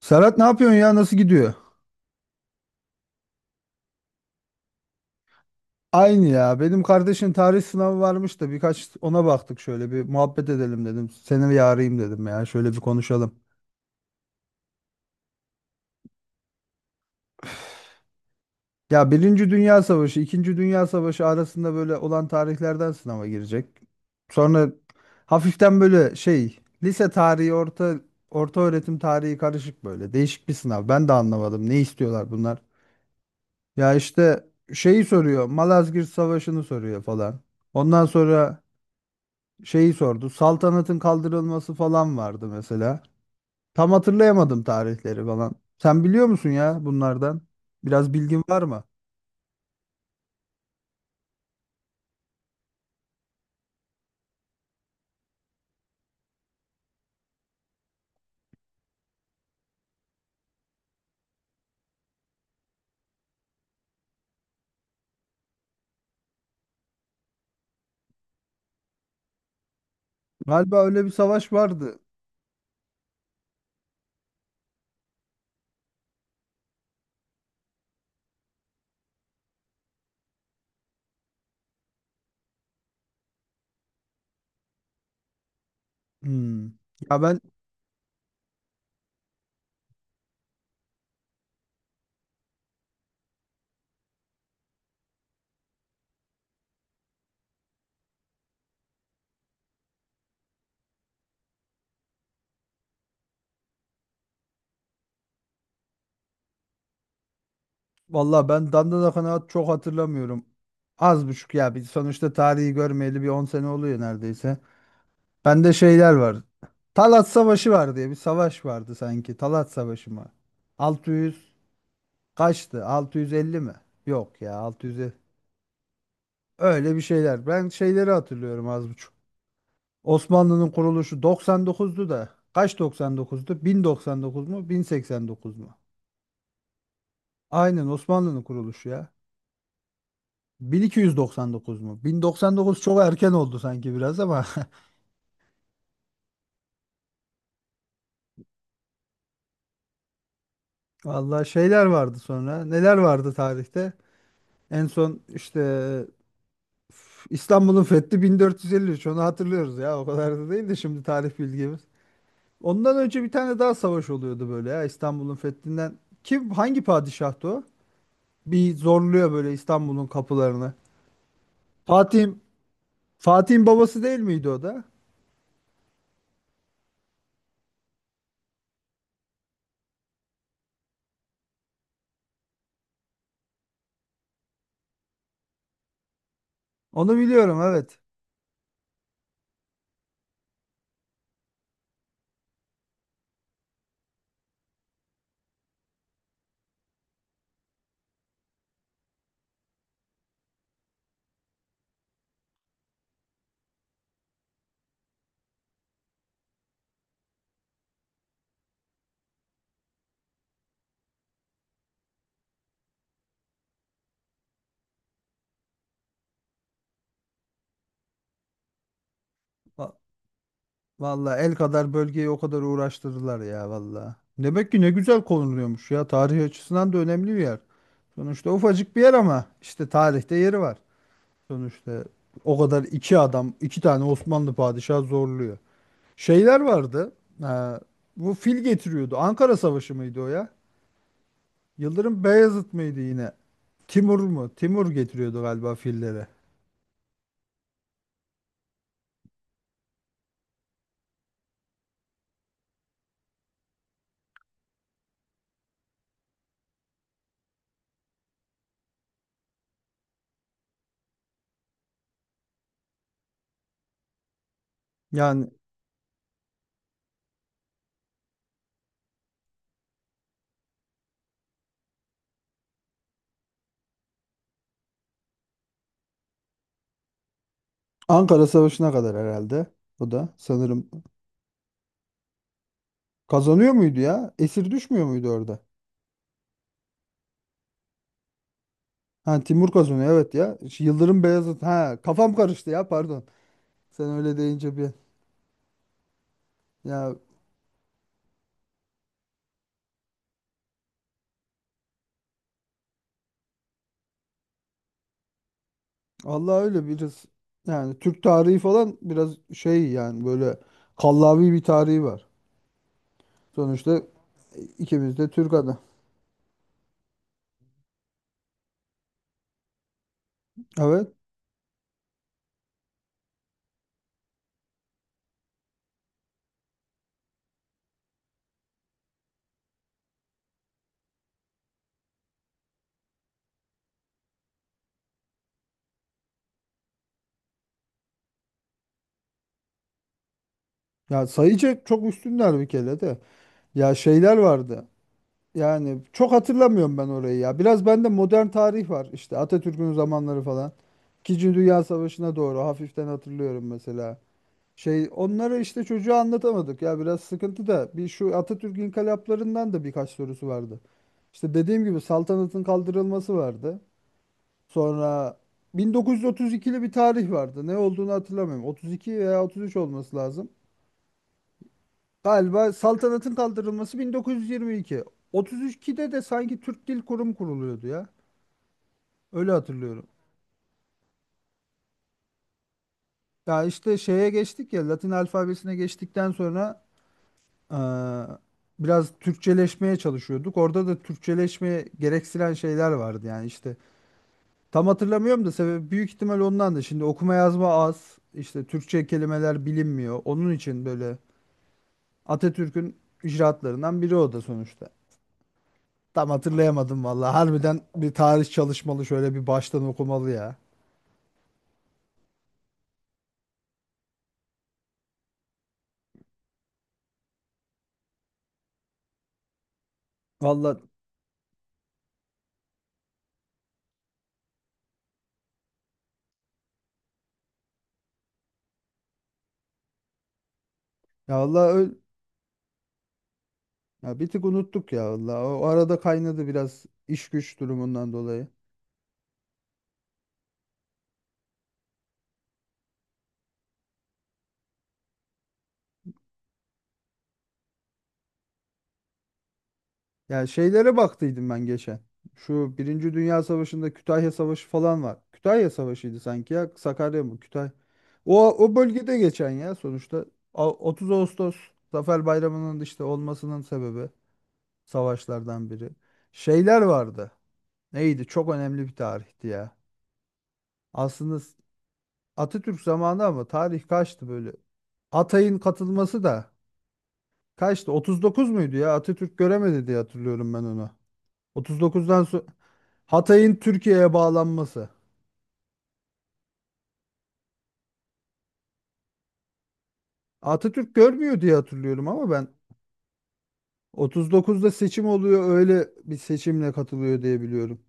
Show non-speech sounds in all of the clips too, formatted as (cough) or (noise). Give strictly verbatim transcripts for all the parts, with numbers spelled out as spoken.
Serhat, ne yapıyorsun ya? Nasıl gidiyor? Aynı ya. Benim kardeşin tarih sınavı varmış da birkaç ona baktık, şöyle bir muhabbet edelim dedim. Seni bir arayayım dedim ya. Şöyle bir konuşalım. Ya, Birinci Dünya Savaşı, İkinci Dünya Savaşı arasında böyle olan tarihlerden sınava girecek. Sonra hafiften böyle şey, lise tarihi, orta orta öğretim tarihi karışık böyle. Değişik bir sınav. Ben de anlamadım. Ne istiyorlar bunlar? Ya işte şeyi soruyor. Malazgirt Savaşı'nı soruyor falan. Ondan sonra şeyi sordu. Saltanatın kaldırılması falan vardı mesela. Tam hatırlayamadım tarihleri falan. Sen biliyor musun ya bunlardan? Biraz bilgin var mı? Galiba öyle bir savaş vardı. Hmm. Ya ben vallahi ben Dandanakan'ı çok hatırlamıyorum. Az buçuk ya. Biz sonuçta tarihi görmeyeli bir on sene oluyor neredeyse. Bende şeyler var. Talat Savaşı var diye bir savaş vardı sanki. Talat Savaşı mı? altı yüz kaçtı? altı yüz elli mi? Yok ya, altı yüz. Öyle bir şeyler. Ben şeyleri hatırlıyorum az buçuk. Osmanlı'nın kuruluşu doksan dokuzdu da. Kaç doksan dokuzdu? bin doksan dokuz mu? bin seksen dokuz mu? Aynen, Osmanlı'nın kuruluşu ya. bin iki yüz doksan dokuz mu? bin doksan dokuz çok erken oldu sanki biraz ama. (laughs) Vallahi şeyler vardı sonra. Neler vardı tarihte? En son işte üf, İstanbul'un fethi bin dört yüz elli üç. Onu hatırlıyoruz ya. O kadar da değil de şimdi tarih bilgimiz. Ondan önce bir tane daha savaş oluyordu böyle ya, İstanbul'un fethinden. Kim, hangi padişahtı o? Bir zorluyor böyle İstanbul'un kapılarını. Fatih'in Fatih'in babası değil miydi o da? Onu biliyorum, evet. Va- Vallahi el kadar bölgeyi o kadar uğraştırdılar ya vallahi. Demek ki ne güzel konuluyormuş ya, tarih açısından da önemli bir yer. Sonuçta ufacık bir yer ama işte tarihte yeri var. Sonuçta o kadar, iki adam, iki tane Osmanlı padişahı zorluyor. Şeyler vardı. Ee, bu fil getiriyordu. Ankara Savaşı mıydı o ya? Yıldırım Beyazıt mıydı yine? Timur mu? Timur getiriyordu galiba filleri. Yani Ankara Savaşı'na kadar herhalde. O da sanırım kazanıyor muydu ya? Esir düşmüyor muydu orada? Ha, Timur kazanıyor, evet ya. Şu Yıldırım Beyazıt. Ha, kafam karıştı ya, pardon. Sen öyle deyince bir ya, Allah, öyle biraz, yani Türk tarihi falan biraz şey, yani böyle kallavi bir tarihi var. Sonuçta ikimiz de Türk adı. Evet. Ya, sayıca çok üstünler bir kere de. Ya şeyler vardı. Yani çok hatırlamıyorum ben orayı ya. Biraz bende modern tarih var. İşte Atatürk'ün zamanları falan. İkinci Dünya Savaşı'na doğru hafiften hatırlıyorum mesela. Şey, onları işte çocuğa anlatamadık ya, biraz sıkıntı da bir, şu Atatürk inkılaplarından da birkaç sorusu vardı. İşte dediğim gibi saltanatın kaldırılması vardı. Sonra bin dokuz yüz otuz ikili bir tarih vardı. Ne olduğunu hatırlamıyorum. otuz iki veya otuz üç olması lazım. Galiba saltanatın kaldırılması bin dokuz yüz yirmi iki. otuz ikide de sanki Türk Dil Kurumu kuruluyordu ya. Öyle hatırlıyorum. Ya işte şeye geçtik ya, Latin alfabesine geçtikten sonra eee, biraz Türkçeleşmeye çalışıyorduk. Orada da Türkçeleşmeye gerektiren şeyler vardı yani işte. Tam hatırlamıyorum da sebebi büyük ihtimal ondan da. Şimdi okuma yazma az. İşte Türkçe kelimeler bilinmiyor. Onun için böyle Atatürk'ün icraatlarından biri o da sonuçta. Tam hatırlayamadım vallahi. Harbiden bir tarih çalışmalı, şöyle bir baştan okumalı ya. Vallahi ya vallahi öyle. Ya bir tık unuttuk ya vallahi. O arada kaynadı biraz iş güç durumundan dolayı. Ya şeylere baktıydım ben geçen. Şu Birinci Dünya Savaşı'nda Kütahya Savaşı falan var. Kütahya Savaşı'ydı sanki ya. Sakarya mı? Kütahya. O, o bölgede geçen ya sonuçta. A- otuz Ağustos Zafer Bayramı'nın işte olmasının sebebi, savaşlardan biri. Şeyler vardı. Neydi? Çok önemli bir tarihti ya. Aslında s- Atatürk zamanı ama tarih kaçtı böyle? Atay'ın katılması da kaçtı? otuz dokuz muydu ya? Atatürk göremedi diye hatırlıyorum ben onu. otuz dokuzdan sonra Hatay'ın Türkiye'ye bağlanması. Atatürk görmüyor diye hatırlıyorum ama ben otuz dokuzda seçim oluyor, öyle bir seçimle katılıyor diye biliyorum.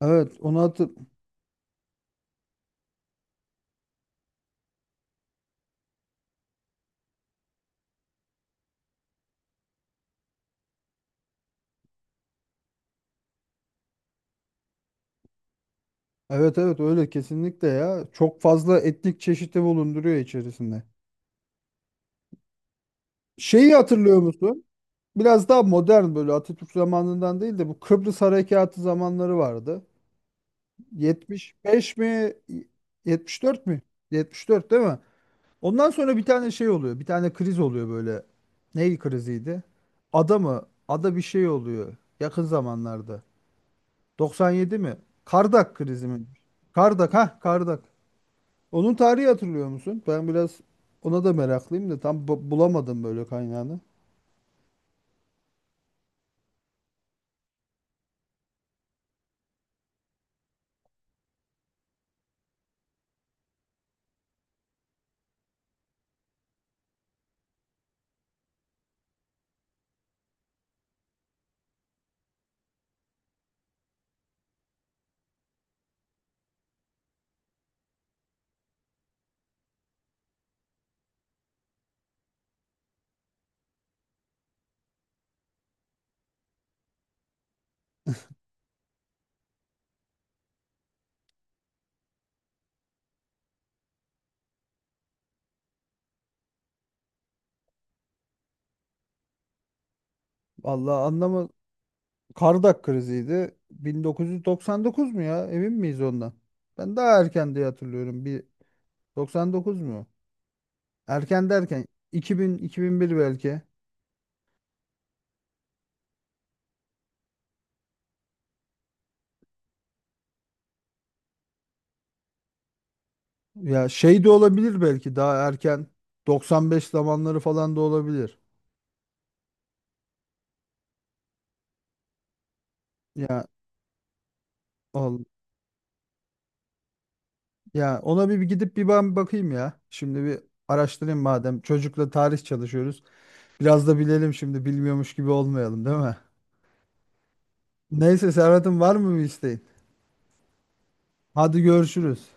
Evet, onu hatır... Evet, evet, öyle kesinlikle ya. Çok fazla etnik çeşidi bulunduruyor içerisinde. Şeyi hatırlıyor musun? Biraz daha modern böyle Atatürk zamanından değil de bu Kıbrıs Harekatı zamanları vardı. yetmiş beş mi? yetmiş dört mü? yetmiş dört değil mi? Ondan sonra bir tane şey oluyor. Bir tane kriz oluyor böyle. Ney kriziydi? Ada mı? Ada bir şey oluyor yakın zamanlarda. doksan yedi mi? Kardak krizi mi? Kardak, ha, Kardak. Onun tarihi hatırlıyor musun? Ben biraz ona da meraklıyım da tam bu- bulamadım böyle kaynağını. Vallahi anlama Kardak kriziydi. bin dokuz yüz doksan dokuz mu ya? Emin miyiz ondan? Ben daha erken diye hatırlıyorum. Bir doksan dokuz mu? Erken derken iki bin iki bin bir belki. Ya, şey de olabilir, belki daha erken doksan beş zamanları falan da olabilir. Ya ol ya ona bir, bir gidip bir ben bakayım ya. Şimdi bir araştırayım madem. Çocukla tarih çalışıyoruz. Biraz da bilelim, şimdi bilmiyormuş gibi olmayalım, değil mi? Neyse Serhat'ım, var mı bir isteğin? Hadi görüşürüz.